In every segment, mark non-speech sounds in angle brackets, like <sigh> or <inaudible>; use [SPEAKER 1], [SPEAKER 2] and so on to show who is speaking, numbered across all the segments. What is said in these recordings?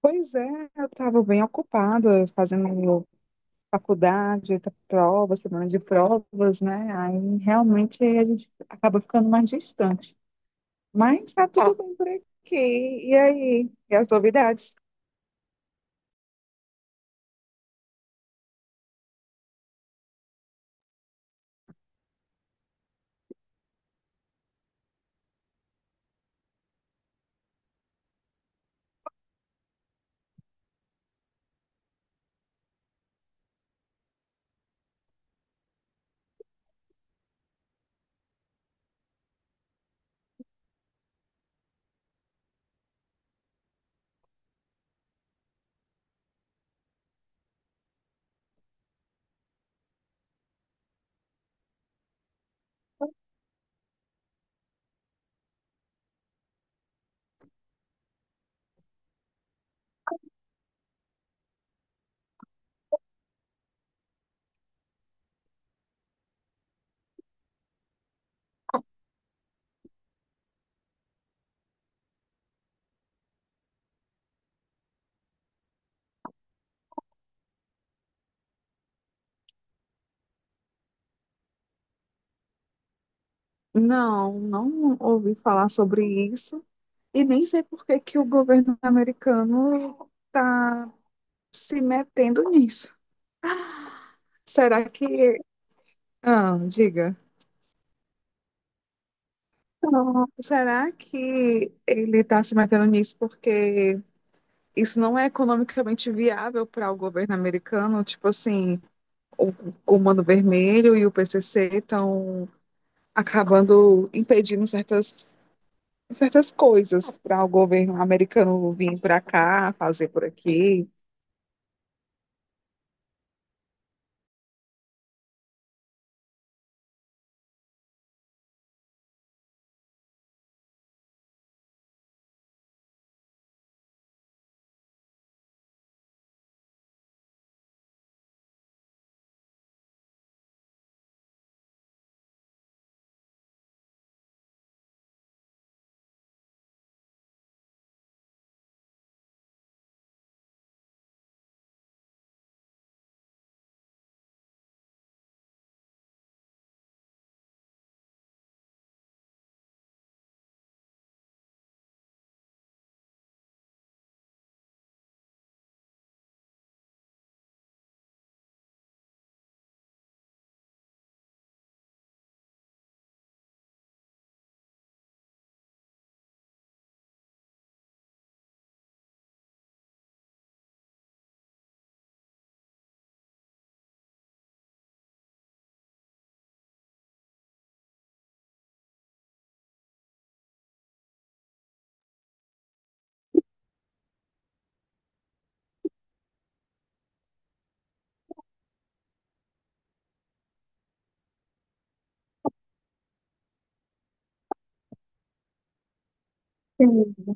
[SPEAKER 1] Pois é, eu estava bem ocupada fazendo faculdade, prova, semana de provas, né? Aí realmente a gente acaba ficando mais distante. Mas tá tudo bem por aqui. E aí? E as novidades? Não, não ouvi falar sobre isso e nem sei por que que o governo americano está se metendo nisso. Será que... Ah, diga. Não, será que ele está se metendo nisso porque isso não é economicamente viável para o governo americano. Tipo assim, o Comando Vermelho e o PCC estão acabando impedindo certas coisas para o governo americano vir para cá, fazer por aqui. Sim,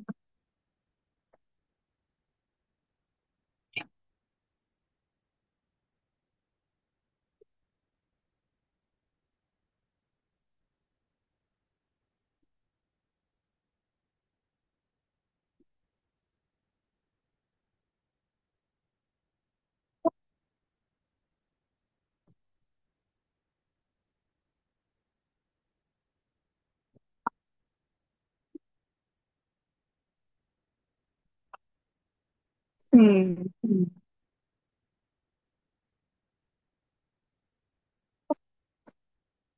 [SPEAKER 1] sim. Sim.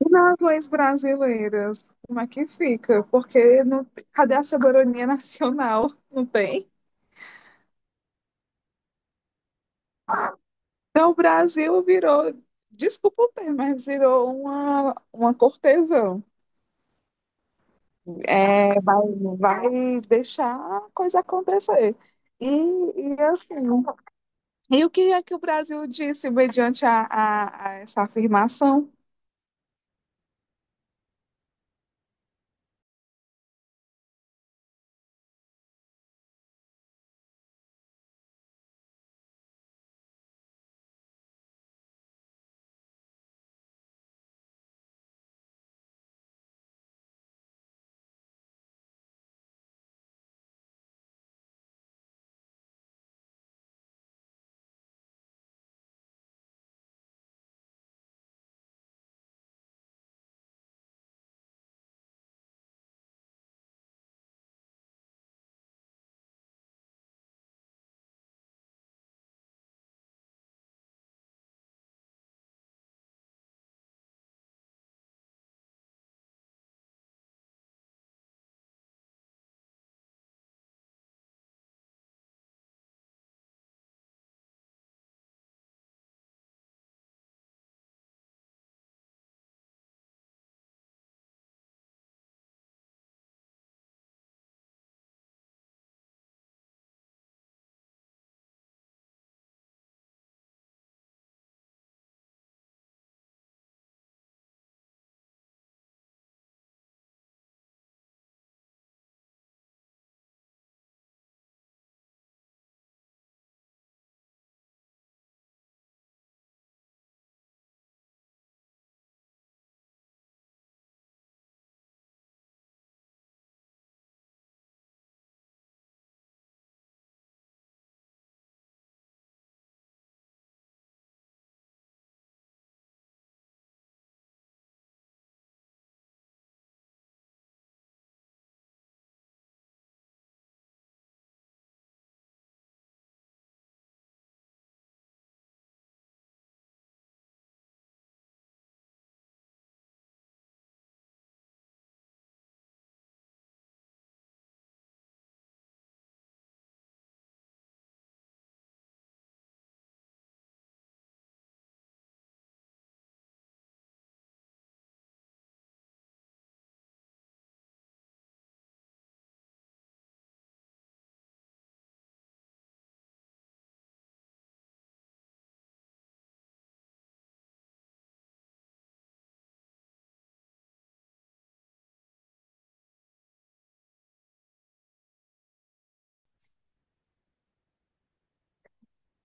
[SPEAKER 1] E nas leis brasileiras, como é que fica? Porque não, cadê a soberania <laughs> nacional? Não tem. Então, o Brasil virou, desculpa o termo, mas virou uma cortesã. É, vai, vai deixar a coisa acontecer. E, e assim, e o que é que o Brasil disse mediante a essa afirmação?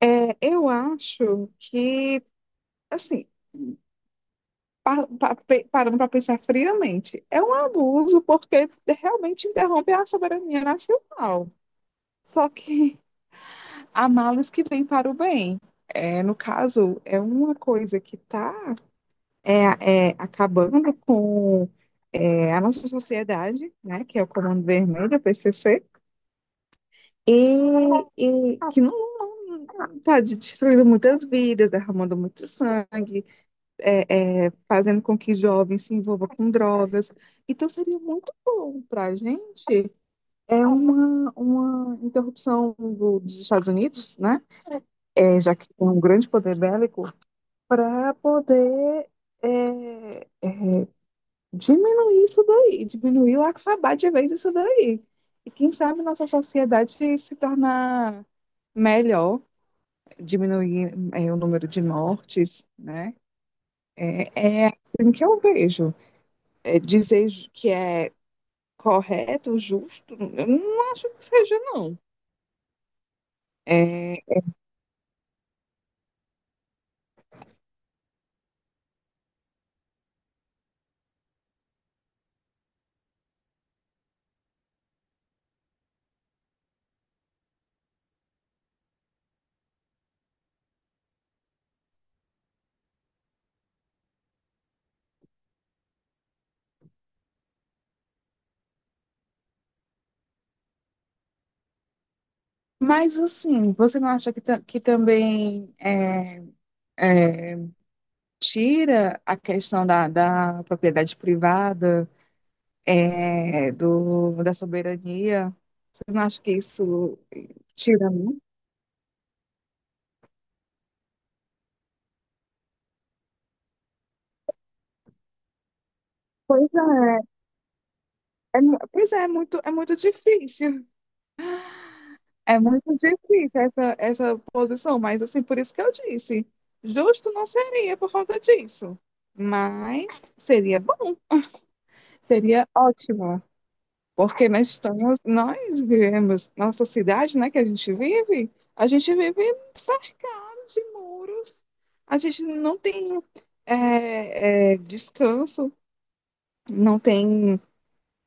[SPEAKER 1] É, eu acho que, assim, parando para pensar friamente, é um abuso porque realmente interrompe a soberania nacional. Só que há males que vêm para o bem. É, no caso, é uma coisa que está acabando com a nossa sociedade, né, que é o Comando Vermelho, o PCC, e, e que não está destruindo muitas vidas, derramando muito sangue, fazendo com que jovens se envolvam com drogas. Então seria muito bom para a gente é uma interrupção dos Estados Unidos, né? É, já que tem um grande poder bélico, para poder é, diminuir isso daí, diminuir ou acabar de vez isso daí. E quem sabe nossa sociedade se tornar melhor, diminuir o número de mortes, né? É, é assim que eu vejo. É, dizer que é correto, justo, eu não acho que seja, não. É, mas, assim, você não acha que, que também é, tira a questão da propriedade privada da soberania. Você não acha que isso tira muito? Pois é, é pois é, é muito difícil. É muito difícil essa posição, mas assim, por isso que eu disse, justo não seria por conta disso. Mas seria bom, seria ótimo. Porque nós estamos, nós vivemos, nossa cidade, né, que a gente vive cercado de muros, a gente não tem descanso, não tem,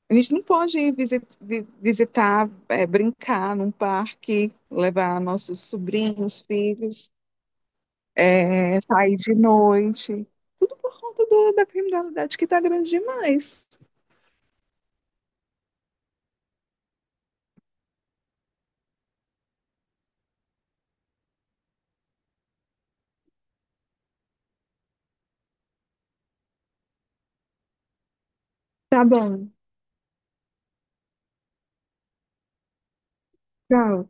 [SPEAKER 1] a gente não pode ir visitar, é, brincar num parque, levar nossos sobrinhos, filhos, é, sair de noite, tudo por conta da criminalidade que está grande demais. Tá bom, tchau.